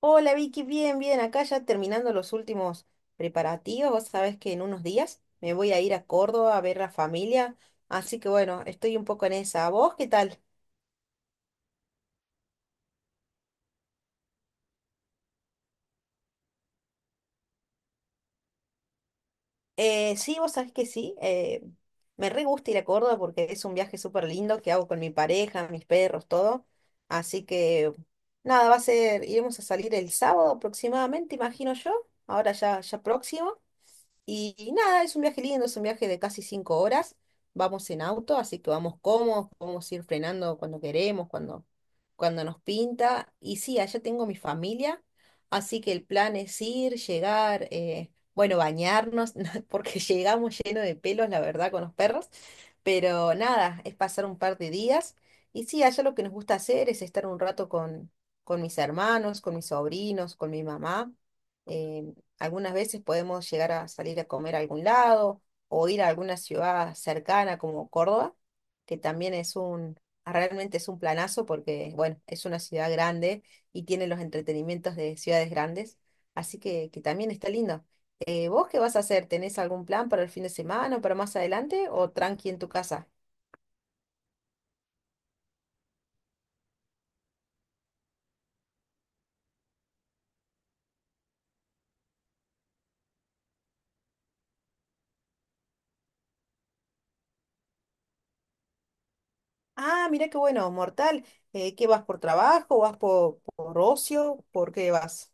Hola Vicky, bien, bien, acá ya terminando los últimos preparativos, vos sabés que en unos días me voy a ir a Córdoba a ver la familia, así que bueno, estoy un poco en esa. ¿Vos qué tal? Sí, vos sabés que sí, me re gusta ir a Córdoba porque es un viaje súper lindo que hago con mi pareja, mis perros, todo, así que nada, va a ser, iremos a salir el sábado aproximadamente, imagino yo, ahora ya, ya próximo. Y nada, es un viaje lindo, es un viaje de casi 5 horas. Vamos en auto, así que vamos cómodos, podemos ir frenando cuando queremos, cuando nos pinta. Y sí, allá tengo mi familia, así que el plan es ir, llegar, bueno, bañarnos, porque llegamos lleno de pelos, la verdad, con los perros. Pero nada, es pasar un par de días. Y sí, allá lo que nos gusta hacer es estar un rato con mis hermanos, con mis sobrinos, con mi mamá. eh, Algunas veces podemos llegar a salir a comer a algún lado o ir a alguna ciudad cercana como Córdoba, que también es realmente es un planazo porque, bueno, es una ciudad grande y tiene los entretenimientos de ciudades grandes, así que también está lindo. ¿Eh, vos qué vas a hacer? ¿Tenés algún plan para el fin de semana o para más adelante o tranqui en tu casa? Ah, mira qué bueno, mortal. ¿Qué vas por trabajo? ¿Vas por ocio? ¿Por qué vas?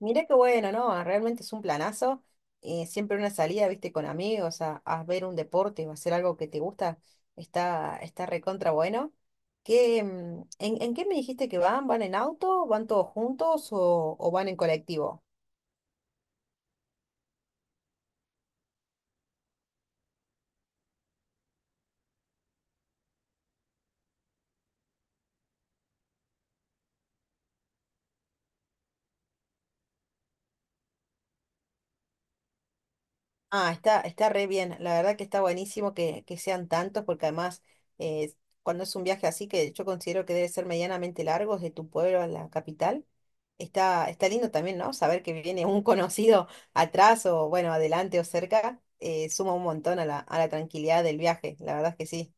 Mirá qué bueno, ¿no? Ah, realmente es un planazo. Siempre una salida, viste, con amigos a ver un deporte o hacer algo que te gusta, está, está recontra bueno. ¿Qué, en qué me dijiste que van? ¿Van en auto? ¿Van todos juntos o van en colectivo? Ah, está, está re bien. La verdad que está buenísimo que sean tantos, porque además, eh, cuando es un viaje así, que yo considero que debe ser medianamente largo, de tu pueblo a la capital, está, está lindo también, ¿no? Saber que viene un conocido atrás o, bueno, adelante o cerca, suma un montón a a la tranquilidad del viaje. La verdad es que sí.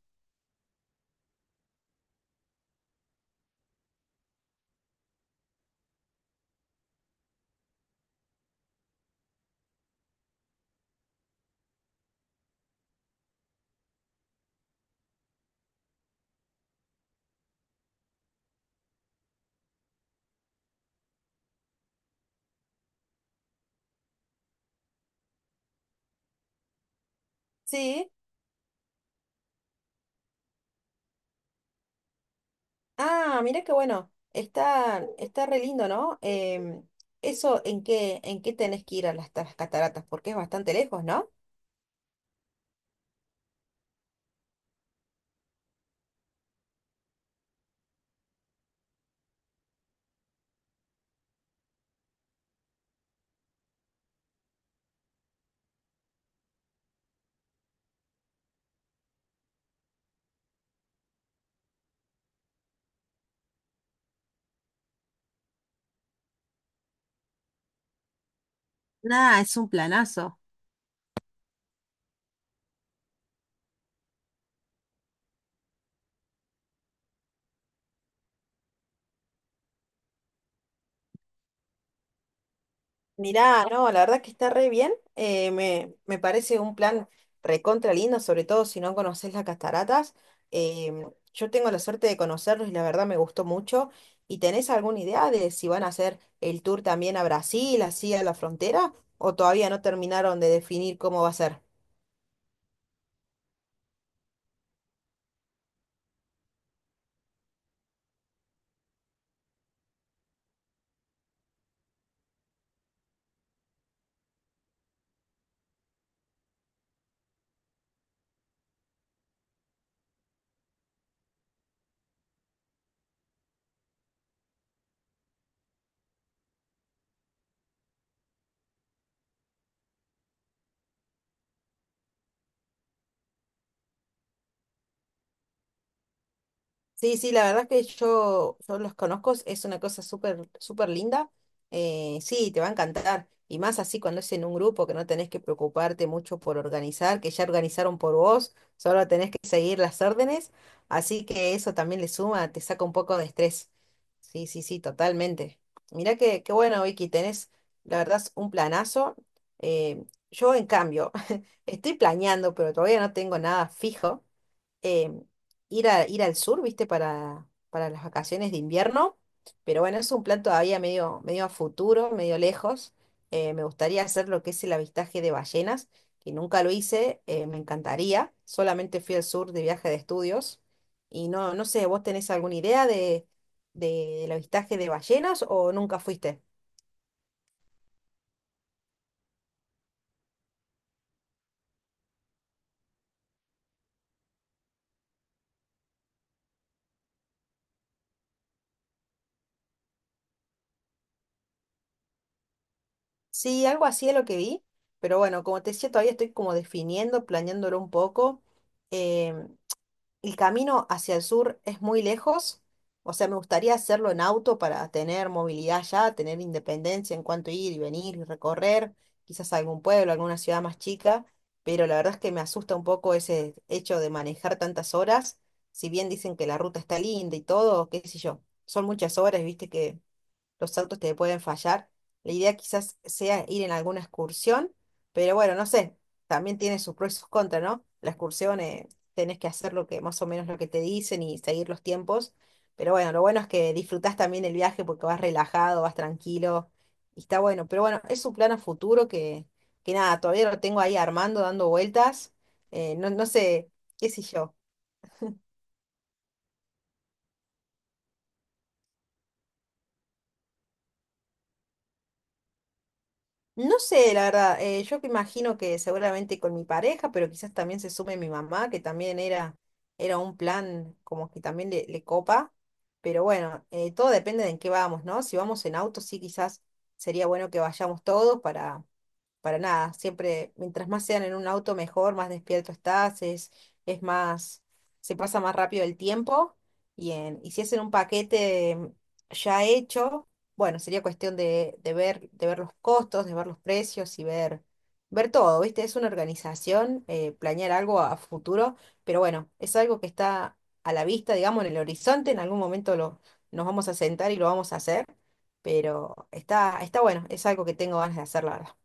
Sí. Ah, mira qué bueno. Está, está re lindo, ¿no? Em, eso, en qué tenés que ir a a las cataratas? Porque es bastante lejos, ¿no? Nada, es un planazo. Mirá, no, la verdad que está re bien. Eh, me parece un plan recontra lindo, sobre todo si no conoces las cataratas. Em, yo tengo la suerte de conocerlos y la verdad me gustó mucho. ¿Y tenés alguna idea de si van a hacer el tour también a Brasil, así a la frontera? ¿O todavía no terminaron de definir cómo va a ser? Sí, sí, la verdad que yo los conozco, es una cosa súper, súper linda. Sí, te va a encantar. Y más así cuando es en un grupo que no tenés que preocuparte mucho por organizar, que ya organizaron por vos, solo tenés que seguir las órdenes. Así que eso también le suma, te saca un poco de estrés. Sí, sí, sí, totalmente. Mirá que, qué bueno, Vicky, tenés, la verdad, un planazo. Eh, yo, en cambio, estoy planeando, pero todavía no tengo nada fijo, eh, ir a, ir al sur, ¿viste? Para las vacaciones de invierno. Pero bueno, es un plan todavía medio, medio a futuro, medio lejos. Me gustaría hacer lo que es el avistaje de ballenas, que nunca lo hice, me encantaría. Solamente fui al sur de viaje de estudios. Y no, no sé, ¿vos tenés alguna idea del avistaje de ballenas o nunca fuiste? Sí, algo así es lo que vi. Pero bueno, como te decía, todavía estoy como definiendo, planeándolo un poco. Em, el camino hacia el sur es muy lejos, o sea, me gustaría hacerlo en auto para tener movilidad ya, tener independencia en cuanto a ir y venir y recorrer, quizás algún pueblo, alguna ciudad más chica, pero la verdad es que me asusta un poco ese hecho de manejar tantas horas, si bien dicen que la ruta está linda y todo, qué sé yo, son muchas horas, viste que los autos te pueden fallar. La idea quizás sea ir en alguna excursión, pero bueno, no sé, también tiene sus pros y sus contras, ¿no? La excursión, tenés que hacer lo que más o menos lo que te dicen y seguir los tiempos, pero bueno, lo bueno es que disfrutás también el viaje porque vas relajado, vas tranquilo y está bueno, pero bueno, es un plan a futuro que nada, todavía lo tengo ahí armando, dando vueltas, no, no sé, qué sé yo. No sé, la verdad, yo que imagino que seguramente con mi pareja, pero quizás también se sume mi mamá, que también era, era un plan como que también le copa, pero bueno, todo depende de en qué vamos, ¿no? Si vamos en auto, sí, quizás sería bueno que vayamos todos para nada. Siempre, mientras más sean en un auto, mejor, más despierto estás, es más, se pasa más rápido el tiempo. Y si es en un paquete ya hecho, bueno, sería cuestión de ver los costos, de ver los precios y ver, ver todo, ¿viste? Es una organización, planear algo a futuro, pero bueno, es algo que está a la vista, digamos, en el horizonte, en algún momento lo, nos vamos a sentar y lo vamos a hacer. Pero está, está bueno, es algo que tengo ganas de hacer, la verdad.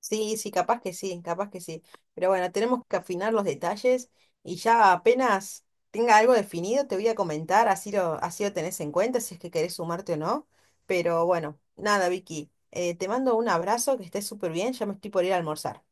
Sí, sí, capaz que sí, capaz que sí. Pero bueno, tenemos que afinar los detalles y ya apenas tenga algo definido te voy a comentar, así lo tenés en cuenta, si es que querés sumarte o no. Pero bueno, nada, Vicky, te mando un abrazo, que estés súper bien, ya me estoy por ir a almorzar.